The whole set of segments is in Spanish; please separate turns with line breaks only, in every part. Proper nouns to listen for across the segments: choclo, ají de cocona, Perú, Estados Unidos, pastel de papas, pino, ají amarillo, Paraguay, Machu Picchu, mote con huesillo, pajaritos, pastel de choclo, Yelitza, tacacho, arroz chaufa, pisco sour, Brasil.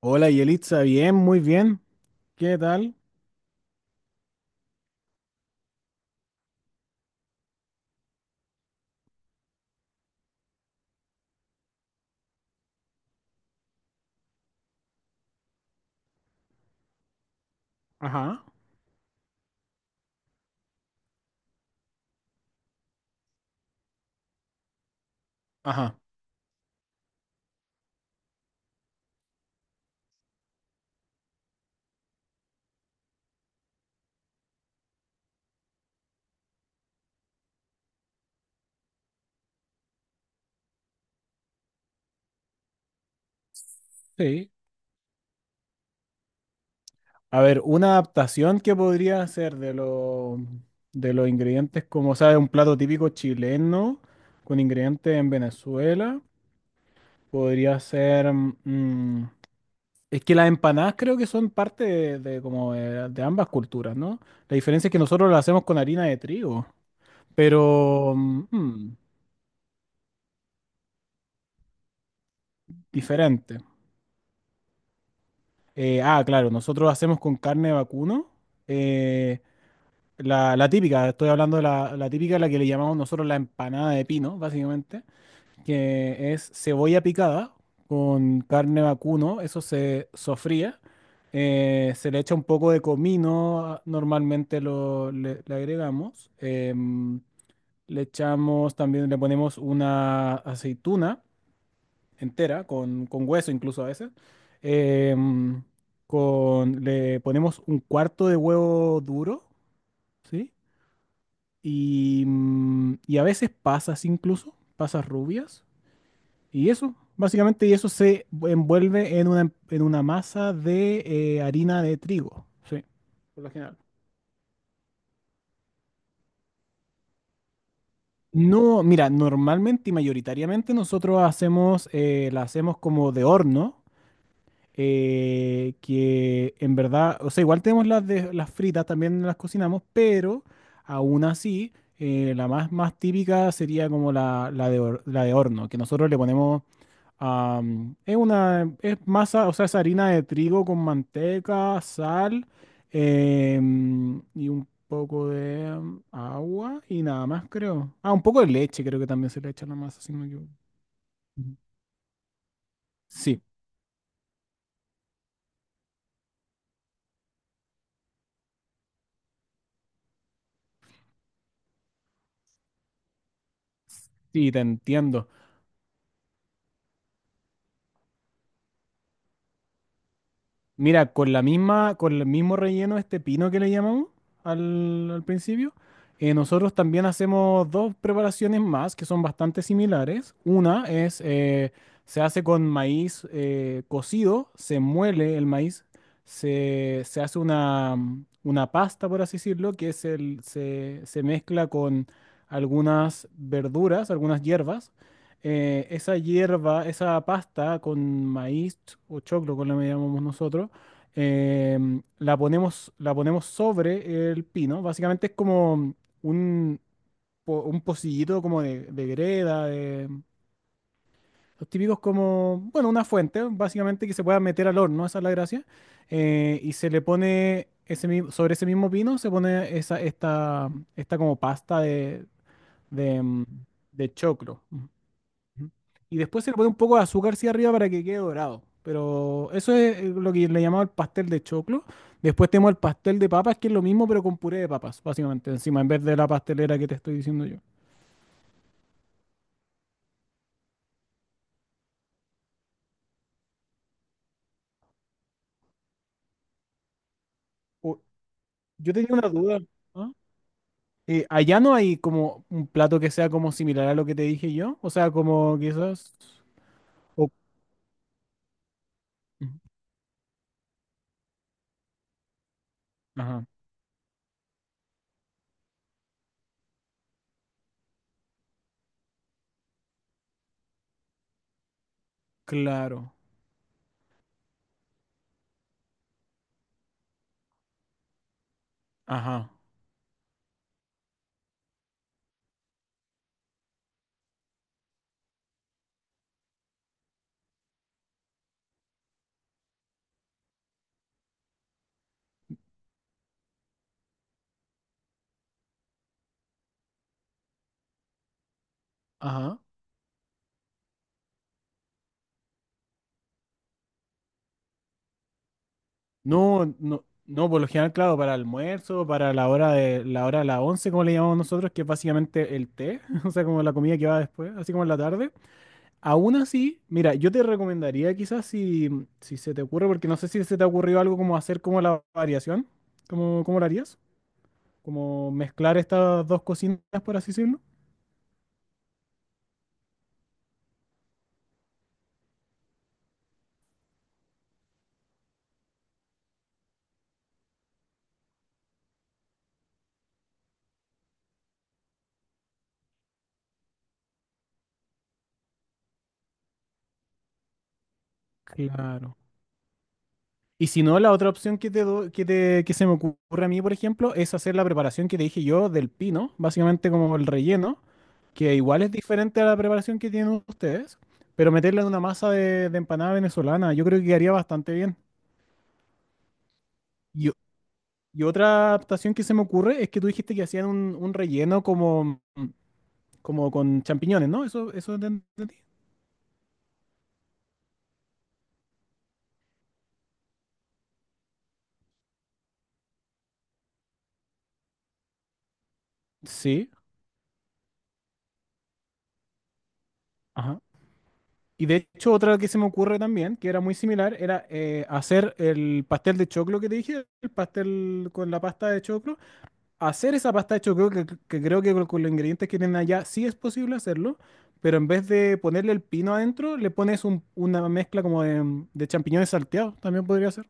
Hola Yelitza, bien, muy bien. ¿Qué tal? Ajá. Ajá. Sí. A ver, una adaptación que podría hacer de los ingredientes, como sabe, un plato típico chileno con ingredientes en Venezuela. Podría ser. Es que las empanadas creo que son parte de como de ambas culturas, ¿no? La diferencia es que nosotros las hacemos con harina de trigo, pero diferente. Claro, nosotros hacemos con carne de vacuno. eh, la típica, estoy hablando de la típica, la que le llamamos nosotros la empanada de pino, básicamente, que es cebolla picada con carne vacuno, eso se sofría, se le echa un poco de comino, normalmente le agregamos, le echamos también, le ponemos una aceituna entera, con hueso incluso a veces, em, le ponemos un cuarto de huevo duro, ¿sí? Y y a veces pasas incluso, pasas rubias. Y eso, básicamente, y eso se envuelve en una masa de harina de trigo. Sí, por lo general. No, mira, normalmente y mayoritariamente nosotros hacemos, la hacemos como de horno, que en verdad, o sea, igual tenemos las, de, las fritas, también las cocinamos, pero aún así, la más, más típica sería como la la de horno, que nosotros le ponemos. Es una, es masa, o sea, es harina de trigo con manteca, sal, y un poco de agua y nada más, creo. Ah, un poco de leche, creo que también se le echa a la masa, si no me equivoco. Ujú. Sí, sí, te entiendo. Mira, con la misma, con el mismo relleno, este pino que le llamamos al principio, nosotros también hacemos dos preparaciones más que son bastante similares. Una es, se hace con maíz cocido, se muele el maíz, se hace una pasta, por así decirlo, que es el, se mezcla con algunas verduras, algunas hierbas. Esa hierba, esa pasta con maíz o choclo, como le llamamos nosotros, la ponemos sobre el pino. Básicamente es como un, un pocillito como de greda, de, los típicos como, bueno, una fuente, básicamente que se pueda meter al horno, esa es la gracia. Y se le pone ese, sobre ese mismo pino, se pone esa, esta como pasta de, de, mm, de choclo. Ujú. Y después se le pone un poco de azúcar hacia arriba para que quede dorado. Pero eso es lo que le llamaba el pastel de choclo. Después tenemos el pastel de papas, que es lo mismo, pero con puré de papas, básicamente, encima, en vez de la pastelera que te estoy diciendo yo. O- yo tenía una duda. ¿Ah? ¿Allá no hay como un plato que sea como similar a lo que te dije yo? O sea, como quizás... o- Ajá, claro. Ajá, ajá. No, no, no, por lo general, claro, para almuerzo, para la hora de las once, como le llamamos nosotros, que es básicamente el té, o sea, como la comida que va después, así como en la tarde. Aún así, mira, yo te recomendaría quizás si, si se te ocurre, porque no sé si se te ha ocurrido algo como hacer como la variación, como, ¿cómo lo harías? Como mezclar estas dos cocinas, por así decirlo. Claro. Y si no, la otra opción que te do- que te- que se me ocurre a mí, por ejemplo, es hacer la preparación que te dije yo del pino, básicamente como el relleno. Que igual es diferente a la preparación que tienen ustedes, pero meterla en una masa de empanada venezolana, yo creo que quedaría bastante bien. Y otra adaptación que se me ocurre es que tú dijiste que hacían un relleno como, como con champiñones, ¿no? Eso entendí. Sí, ajá. Y de hecho, otra que se me ocurre también, que era muy similar, era hacer el pastel de choclo que te dije, el pastel con la pasta de choclo, hacer esa pasta de hecho creo que creo que con los ingredientes que tienen allá sí es posible hacerlo, pero en vez de ponerle el pino adentro, le pones una mezcla como de champiñones salteados, también podría ser.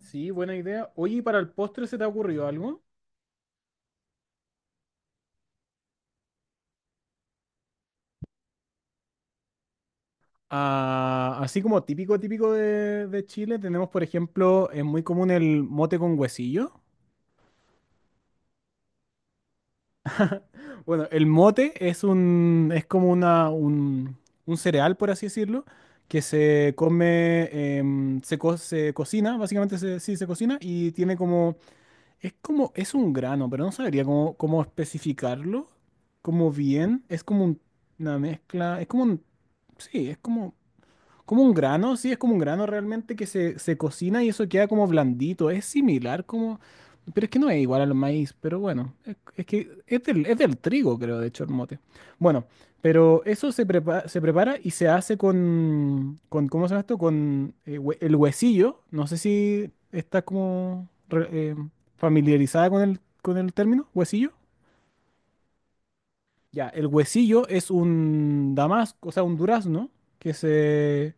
Sí, buena idea. Oye, ¿y para el postre se te ha ocurrido algo? Ah, así como típico, típico de Chile, tenemos, por ejemplo, es muy común el mote con huesillo. Bueno, el mote es un, es como una, un cereal, por así decirlo, que se come, se cocina, básicamente sí se cocina y tiene como, es un grano, pero no sabría cómo, cómo especificarlo, como bien, es como una mezcla, es como un, sí, es como, como un grano, sí, es como un grano realmente que se cocina y eso queda como blandito. Es similar como... Pero es que no es igual al maíz, pero bueno, es que es del trigo, creo, de hecho, el mote. Bueno, pero eso se prepara y se hace con, ¿cómo se llama esto? Con el huesillo. No sé si está como familiarizada con el término, huesillo. Ya, el huesillo es un damasco, o sea, un durazno que se,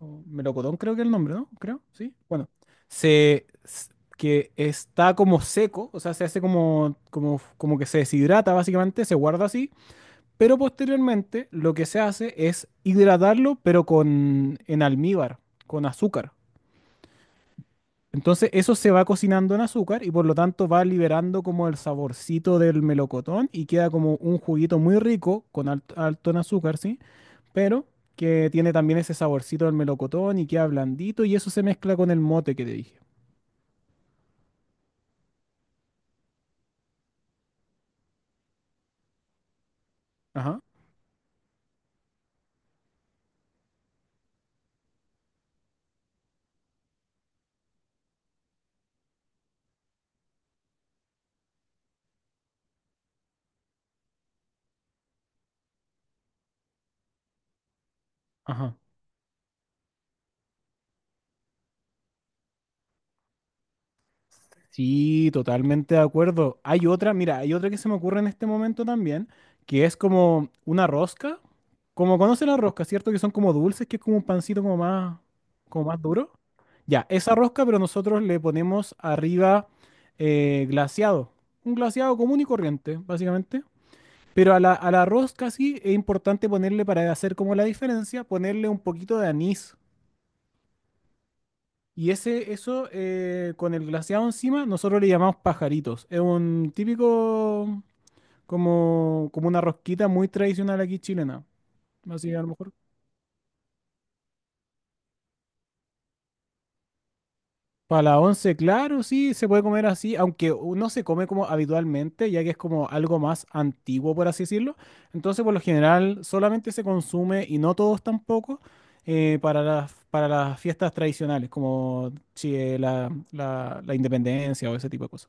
o melocotón creo que es el nombre, ¿no? Creo, sí. Bueno, se, s- que está como seco, o sea, se hace como, como, como que se deshidrata básicamente, se guarda así, pero posteriormente lo que se hace es hidratarlo, pero con, en almíbar, con azúcar. Entonces eso se va cocinando en azúcar y por lo tanto va liberando como el saborcito del melocotón y queda como un juguito muy rico con alto en azúcar, ¿sí? Pero que tiene también ese saborcito del melocotón y queda blandito y eso se mezcla con el mote que te dije. Ajá, ajá. Sí, totalmente de acuerdo. Hay otra, mira, hay otra que se me ocurre en este momento también, que es como una rosca. Como conocen la rosca, ¿cierto? Que son como dulces, que es como un pancito como más duro. Ya, esa rosca, pero nosotros le ponemos arriba glaseado. Un glaseado común y corriente, básicamente. Pero a a la rosca sí es importante ponerle, para hacer como la diferencia, ponerle un poquito de anís. Y ese, eso, con el glaseado encima, nosotros le llamamos pajaritos. Es un típico, como, como una rosquita muy tradicional aquí chilena. Así a lo mejor. Para la once, claro, sí, se puede comer así, aunque no se come como habitualmente, ya que es como algo más antiguo, por así decirlo. Entonces, por lo general, solamente se consume, y no todos tampoco, para las fiestas tradicionales, como la, la independencia o ese tipo de cosas.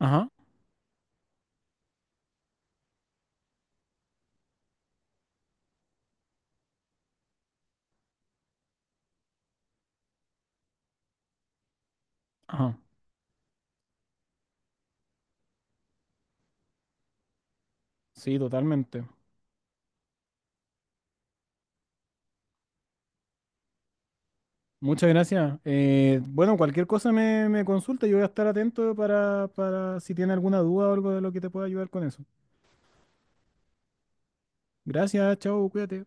Ajá, ajá. Sí, totalmente. Muchas gracias. Bueno, cualquier cosa me, me consulta, yo voy a estar atento para si tiene alguna duda o algo de lo que te pueda ayudar con eso. Gracias, chao, cuídate.